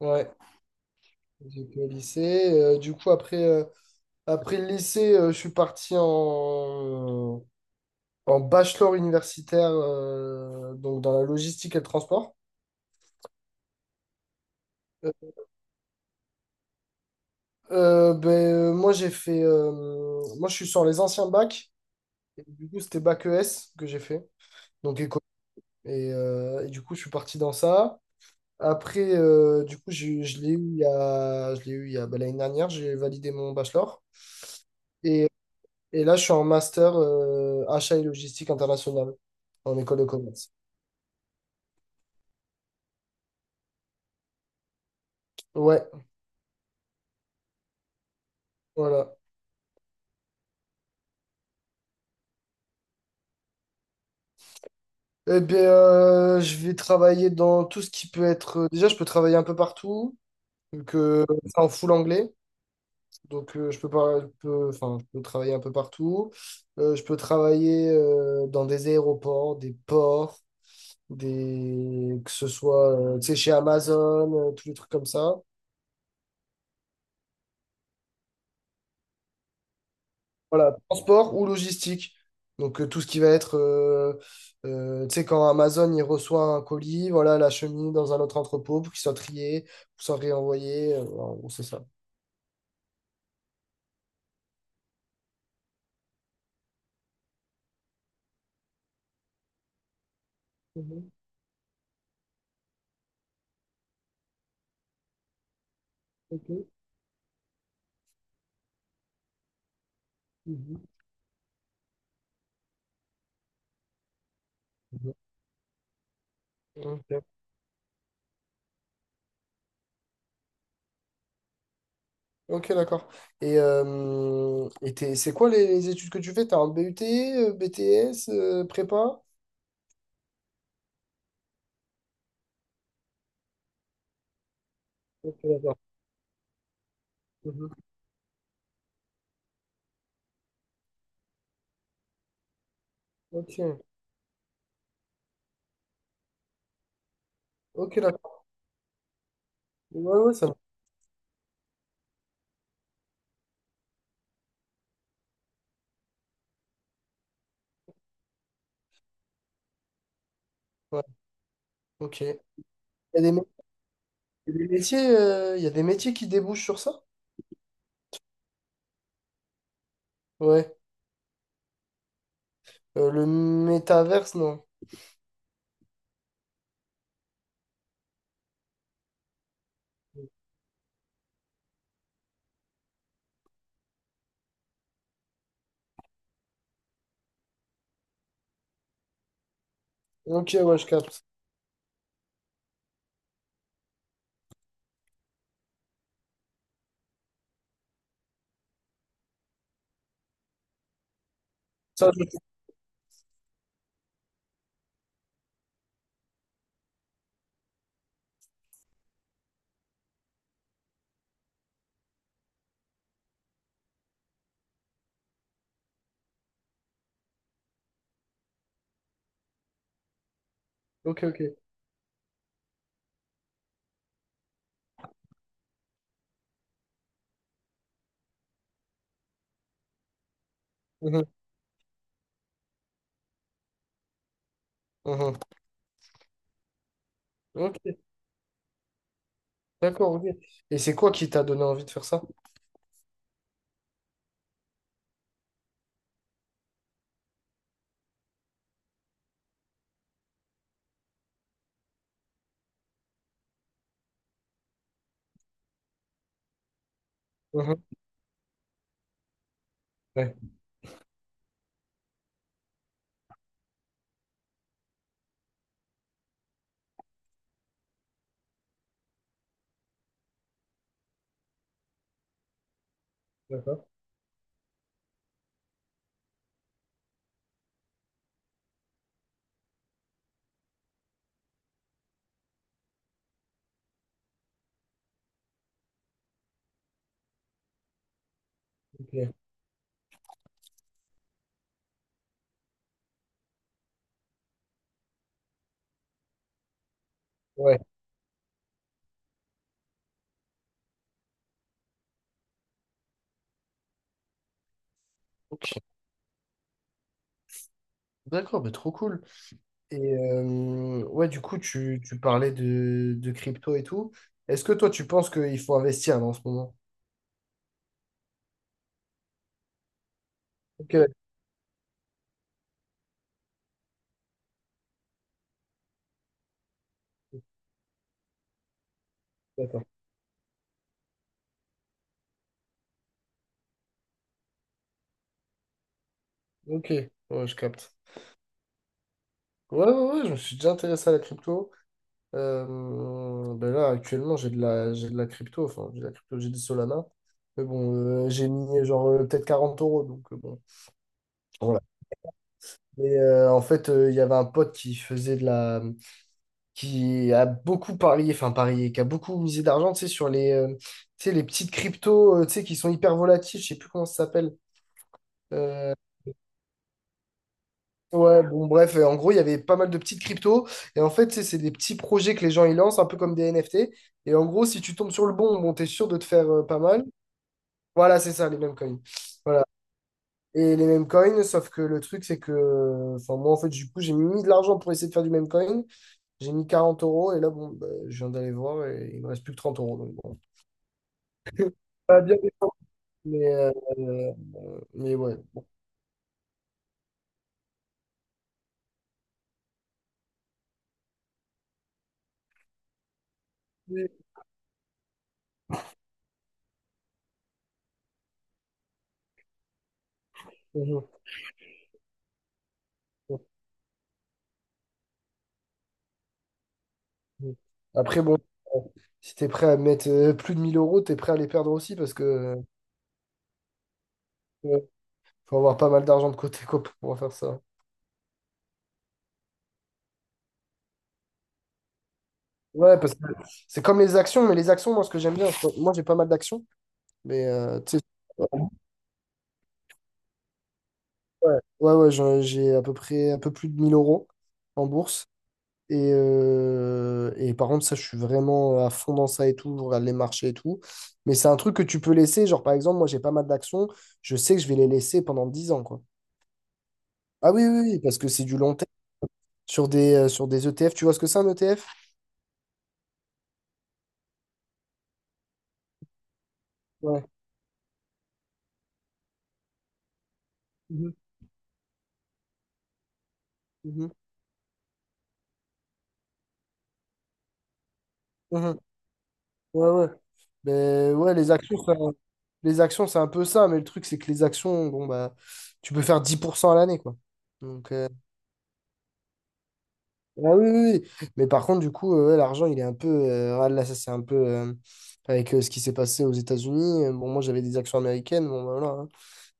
Ouais, j'ai été au lycée. Du coup, après le lycée, je suis parti en bachelor universitaire, donc dans la logistique et le transport. Euh, Moi, j'ai fait. Moi, je suis sur les anciens bacs. Et du coup, c'était bac ES que j'ai fait. Donc, éco. Et du coup, je suis parti dans ça. Après, du coup, je l'ai eu il y a, ben, l'année dernière, j'ai validé mon bachelor. Et Et là, je suis en master achat et logistique internationale en école de commerce. Ouais, voilà. Eh bien, je vais travailler dans tout ce qui peut être. Déjà, je peux travailler un peu partout, vu que c'est en full anglais. Donc, je peux pas, enfin, je peux travailler un peu partout. Je peux travailler dans des aéroports, des ports, des, que ce soit, tu sais, chez Amazon, tous les trucs comme ça. Voilà, transport ou logistique. Donc, tout ce qui va être, tu sais, quand Amazon, il reçoit un colis, voilà, la chemise dans un autre entrepôt pour qu'il soit trié, pour soit réenvoyé. En gros, c'est ça. Mhm. Ok. Mhm. Mhm. Ok, ok, d'accord. Et c'est quoi les études que tu fais? T'as un BUT, BTS, prépa? Ok, d'accord. Mhm. Ok, ok, d'accord. Ouais, ouais, ouais, ok. Y a des, mé- il y a des métiers qui débouchent sur ça? Ouais. Le métaverse, non. Ok, ouais, je capte. Ça, je... Ok, ok. Mhm, mhm. Ok, d'accord, ok. Et c'est quoi qui t'a donné envie de faire ça? Mhm. Ouais, d'accord, ok. Ouais, ok. D'accord, mais trop cool. Et ouais, du coup, tu parlais de crypto et tout. Est-ce que toi, tu penses qu'il faut investir là, en ce moment? Ok, d'accord. Ok, ouais, je capte. Ouais, ouais, ouais, je me suis déjà intéressé à la crypto. Ben là, actuellement, j'ai de la crypto, enfin, j'ai de la crypto, j'ai du Solana. Mais bon, j'ai mis genre peut-être 40 euros, donc bon, voilà. Mais en fait, il y avait un pote qui faisait de la, qui a beaucoup parié, enfin parié, qui a beaucoup misé d'argent, tu sais, sur les, tu sais, les petites cryptos, tu sais, qui sont hyper volatiles, je sais plus comment ça s'appelle. Euh, ouais, bon, bref, en gros, il y avait pas mal de petites cryptos, et en fait, tu sais, c'est des petits projets que les gens ils lancent, un peu comme des NFT. Et en gros, si tu tombes sur le bon, bon, t'es sûr de te faire pas mal. Voilà, c'est ça, les mêmes coins. Et les mêmes coins, sauf que le truc, c'est que. Enfin, moi, en fait, du coup, j'ai mis de l'argent pour essayer de faire du même coin. J'ai mis 40 euros, et là, bon, bah, je viens d'aller voir, et il me reste plus que 30 euros. Donc, bon. Pas bien défendu, mais, euh, euh, mais ouais. Bon. Après, bon, euh, si t'es prêt à mettre plus de 1000 euros, t'es prêt à les perdre aussi, parce que. euh, Faut avoir pas mal d'argent de côté, quoi, pour pouvoir faire ça. Ouais, parce que c'est comme les actions, mais les actions, moi, ce que j'aime bien, moi, j'ai pas mal d'actions, mais tu sais. Ouais, ouais, ouais, j'ai à peu près un peu plus de 1 000 € en bourse. Et par contre, ça, je suis vraiment à fond dans ça et tout. Je regarde les marchés et tout. Mais c'est un truc que tu peux laisser. Genre, par exemple, moi, j'ai pas mal d'actions. Je sais que je vais les laisser pendant 10 ans, quoi. Ah oui, oui, oui, parce que c'est du long terme. Sur des ETF, tu vois ce que c'est un ETF? Ouais. Mhm, mhm, mhm. Ouais, ouais. Ben, ouais, les actions, c'est un peu ça. Mais le truc, c'est que les actions, bon, bah, tu peux faire 10 % à l'année, quoi. Donc, ah oui, oui, oui. Mais par contre, du coup, ouais, l'argent, il est un peu. Ouais, là, ça, c'est un peu. Avec ce qui s'est passé aux États-Unis. Bon, moi, j'avais des actions américaines. Bon, ben voilà, hein.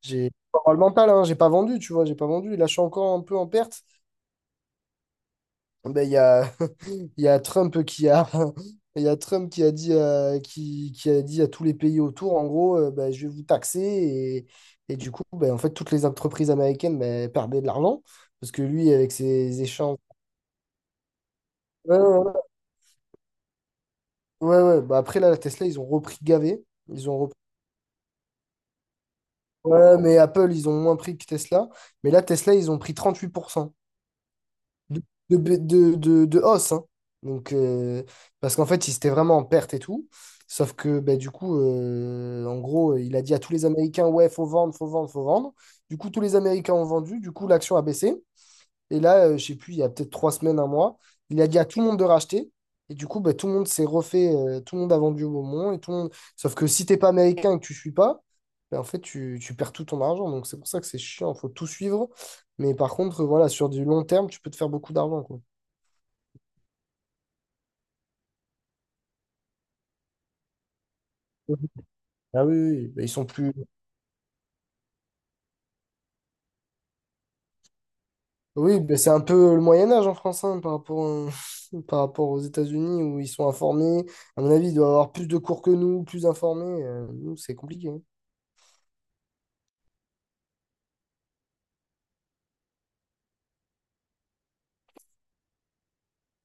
J'ai pas avoir le mental, hein. J'ai pas vendu, tu vois. J'ai pas vendu. Là, je suis encore un peu en perte. Ben, il y a, il y a Trump qui a. Il y a Trump qui a dit, qui a dit à tous les pays autour, en gros, je vais vous taxer. Et du coup, ben, en fait, toutes les entreprises américaines ben, perdaient de l'argent. Parce que lui, avec ses échanges. Ouais, ouais. Bah après, là, la Tesla, ils ont repris gavé. Ils ont repris. Ouais, mais Apple, ils ont moins pris que Tesla. Mais là, Tesla, ils ont pris 38% de, de hausse, hein. Donc, parce qu'en fait, ils étaient vraiment en perte et tout. Sauf que, bah, du coup, en gros, il a dit à tous les Américains, ouais, faut vendre, faut vendre, faut vendre. Du coup, tous les Américains ont vendu. Du coup, l'action a baissé. Et là, je sais plus, il y a peut-être 3 semaines, un mois, il a dit à tout le monde de racheter. Et du coup, bah, tout le monde s'est refait, tout le monde a vendu au bon moment. Et tout le monde. Sauf que si t'es pas américain et que tu suis pas, bah, en fait, tu perds tout ton argent. Donc c'est pour ça que c'est chiant, faut tout suivre. Mais par contre, voilà, sur du long terme, tu peux te faire beaucoup d'argent, quoi. Ah oui, oui, bah, ils sont plus. Oui, bah, c'est un peu le Moyen Âge en France, hein, par rapport, par rapport aux États-Unis, où ils sont informés. À mon avis, ils doivent avoir plus de cours que nous, plus informés. Nous, c'est compliqué, hein.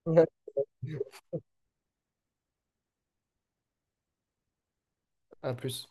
Ouais. À plus.